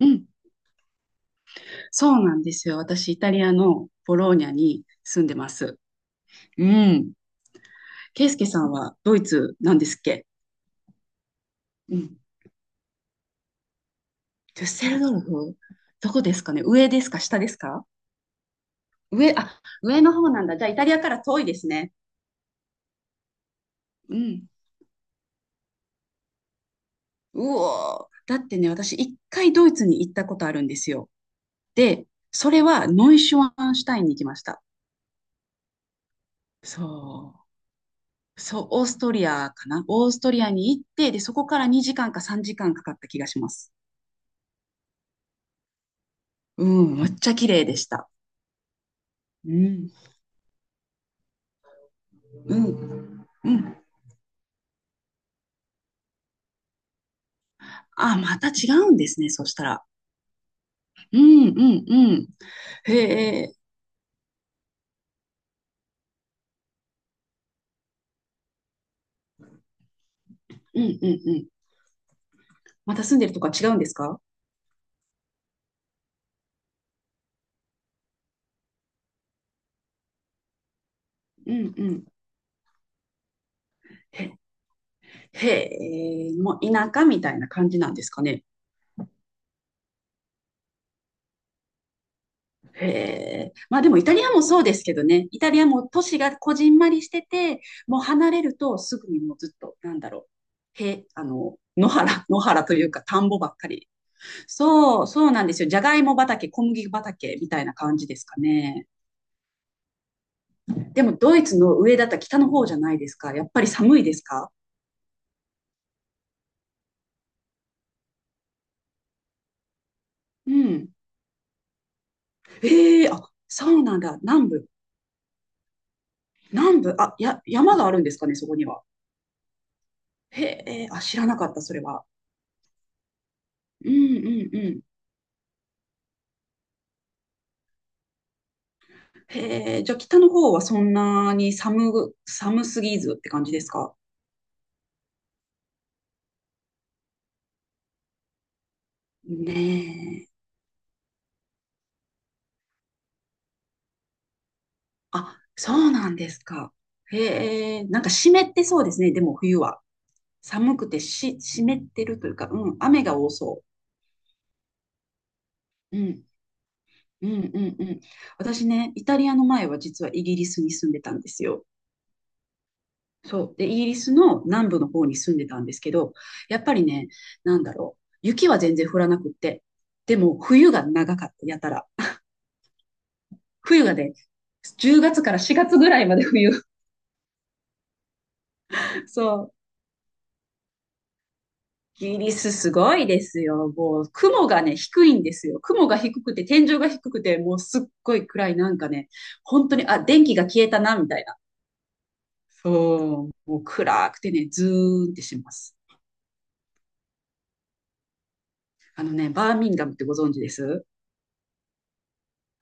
うん、そうなんですよ。私、イタリアのボローニャに住んでます。うん。ケイスケさんはドイツなんですっけ？うん。デュッセルドルフ、どこですかね？上ですか？下ですか？上、あ、上の方なんだ。じゃあ、イタリアから遠いですね。うん。うおー。だってね、私、一回ドイツに行ったことあるんですよ。で、それはノイシュワンシュタインに行きました。そう。そう、オーストリアかな、オーストリアに行って、で、そこから2時間か3時間かんかかった気がします。うん、めっちゃ綺麗でした。うん。うん、うん。あ、また違うんですね、そしたら。うん、うん、うん。へえ、うん、うん、うん。また住んでるとか違うんですか？うん、うん。へ、へえ、もう田舎みたいな感じなんですかね。へえ。まあでもイタリアもそうですけどね。イタリアも都市がこじんまりしてて、もう離れるとすぐにもうずっと、なんだろう。へ、あの、野原というか田んぼばっかり。そう、そうなんですよ。じゃがいも畑、小麦畑みたいな感じですかね。でもドイツの上だったら北の方じゃないですか。やっぱり寒いですか？うん。ええー、あ、そうなんだ。南部。南部。あ、山があるんですかね、そこには。へえ、あ、知らなかった、それは。うんうんうん。へえ、じゃあ北の方はそんなに寒すぎずって感じですかねえ。あ、そうなんですか。へえ、なんか湿ってそうですね、でも冬は。寒くてし、湿ってるというか、うん、雨が多そう。うん、うん、うん、うん。私ね、イタリアの前は実はイギリスに住んでたんですよ。そう。で、イギリスの南部の方に住んでたんですけど、やっぱりね、なんだろう。雪は全然降らなくって。でも、冬が長かった、やたら。冬がね、10月から4月ぐらいまで冬。そう。イギリスすごいですよ。もう雲がね、低いんですよ。雲が低くて、天井が低くて、もうすっごい暗い、なんかね、本当に、あ、電気が消えたな、みたいな。そう、もう暗くてね、ズーンってします。あのね、バーミンガムってご存知です？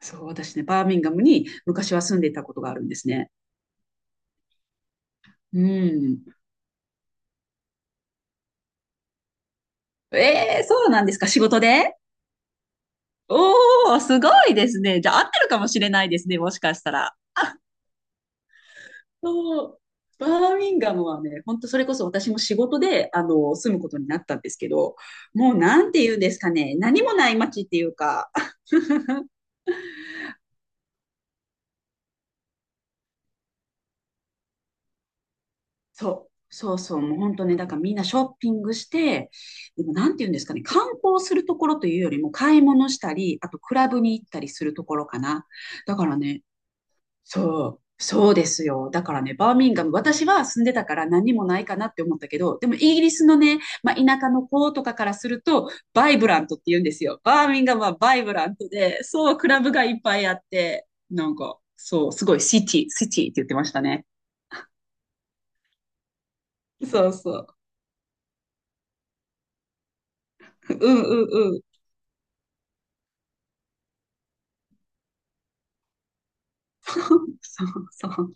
そう、私ね、バーミンガムに昔は住んでいたことがあるんですね。うん。えー、そうなんですか、仕事で？おー、すごいですね。じゃあ合ってるかもしれないですね、もしかしたら。そう、バーミンガムはね、本当それこそ私も仕事で、あの、住むことになったんですけど、もうなんて言うんですかね、何もない街っていうか、そう、そうそう、もう本当ね、だからみんなショッピングして、でもなんて言うんですかね、観光するところというよりも買い物したり、あとクラブに行ったりするところかな。だからね、そう、そうですよ。だからね、バーミンガム、私は住んでたから何もないかなって思ったけど、でもイギリスのね、まあ、田舎の子とかからすると、バイブラントって言うんですよ。バーミンガムはバイブラントで、そう、クラブがいっぱいあって、なんか、そう、すごいシティって言ってましたね。そうそう。うんうんうん。そうそう。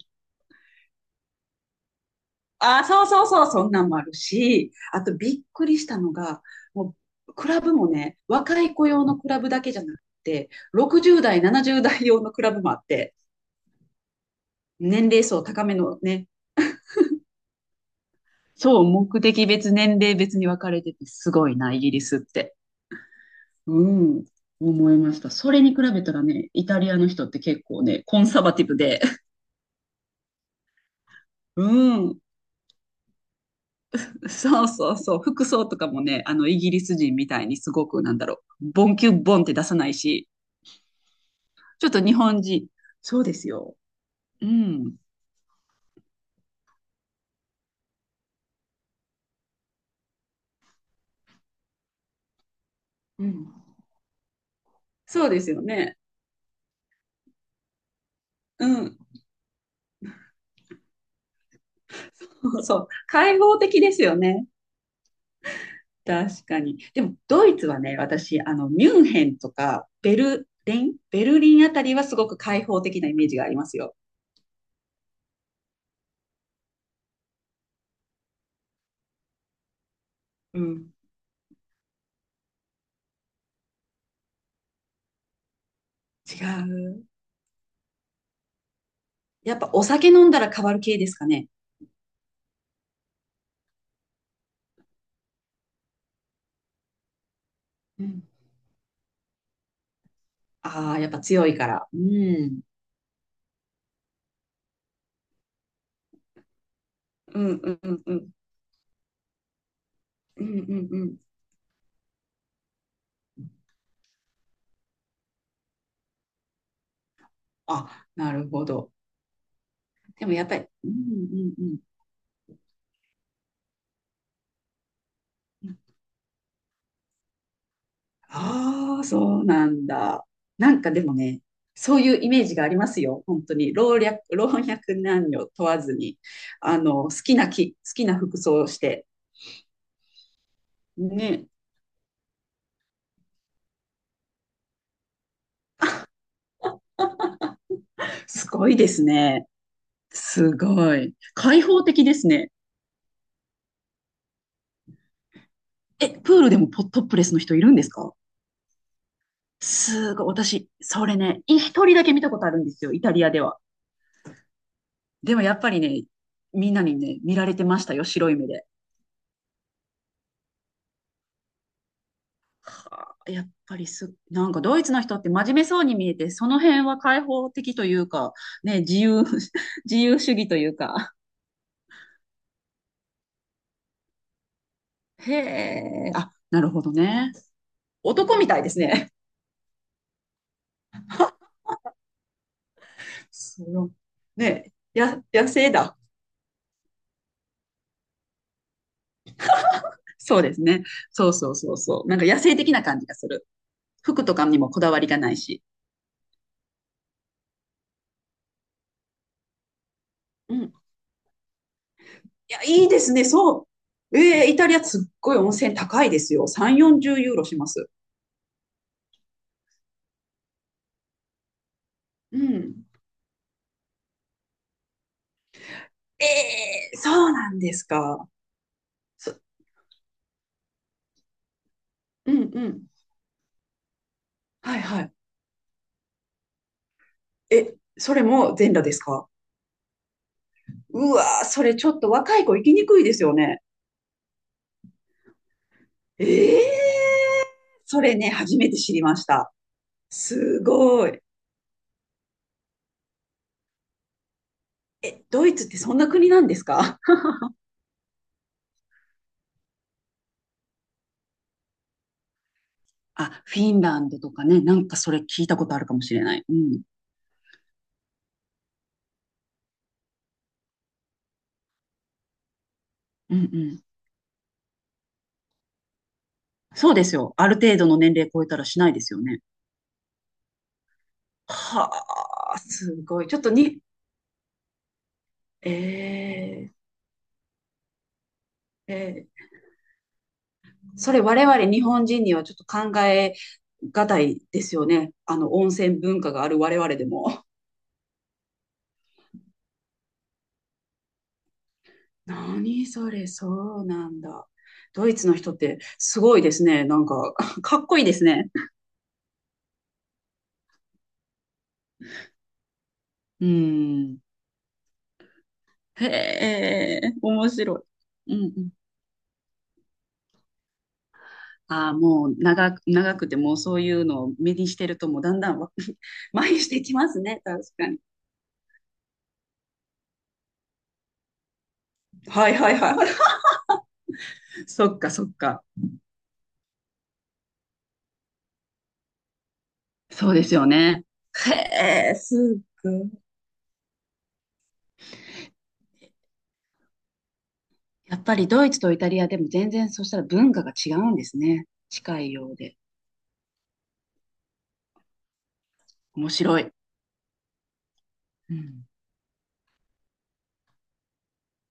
あ、そうそうそう、そんなんもあるし、あとびっくりしたのが、もう、クラブもね、若い子用のクラブだけじゃなくて、60代、70代用のクラブもあって、年齢層高めのね、そう、目的別、年齢別に分かれてて、すごいな、イギリスって。うん、思いました。それに比べたらね、イタリアの人って結構ね、コンサバティブで、うん、そうそうそう、服装とかもね、あの、イギリス人みたいにすごく、なんだろう、ボンキュッボンって出さないし、ちょっと日本人。そうですよ。うん。うん。そうですよね。うん。そう。開放的ですよね。確かに。でも、ドイツはね、私、あの、ミュンヘンとか、ベルリンあたりはすごく開放的なイメージがありますよ。うん。違う。やっぱお酒飲んだら変わる系ですかね？うん。ああ、やっぱ強いから。うん。うんうんうんうん。うんうんうん。あ、なるほど。でもやっぱり、うんうんうん。ああ、そうなんだ。なんかでもね、そういうイメージがありますよ。本当に。老若男女問わずに、あの、好きな服装をして。ね。すごいですね。すごい。開放的ですね。え、プールでもポトップレスの人いるんですか？すごい。私、それね、一人だけ見たことあるんですよ。イタリアでは。でもやっぱりね、みんなにね、見られてましたよ。白い目で。はあ、やっぱりす、なんかドイツの人って真面目そうに見えて、その辺は開放的というか、ね、自由主義というか。へえ、あ、なるほどね。男みたいですね。そのね、野生だ。そうですね。そうそうそうそう。なんか野生的な感じがする。服とかにもこだわりがないし。うん。いや、いいですね。そう。えー、イタリアすっごい温泉高いですよ。3、40ユーロします。うん。ええ、そうなんですか？そ、うんうん。はいはい。え、それも全裸ですか？うわー、それちょっと若い子行きにくいですよね。ええー、それね、初めて知りました。すごい。え、ドイツってそんな国なんですか？ あ、フィンランドとかね、なんかそれ聞いたことあるかもしれない。うん。うんうん。そうですよ。ある程度の年齢超えたらしないですよね。はあ、すごい。ちょっとに、えー、えーそれ我々日本人にはちょっと考えがたいですよね。あの温泉文化がある我々でも。何それ、そうなんだ。ドイツの人ってすごいですね。なんか、かっこいいですね。うん。へえ、面白い。うんうん。ああ、もう長くてもうそういうのを目にしてるともうだんだんわ 麻痺してきますね。確かに。はいはいはい。そっかそっか。そうですよね。へえ、すっごい。やっぱりドイツとイタリアでも全然そうしたら文化が違うんですね。近いようで。面白い。うん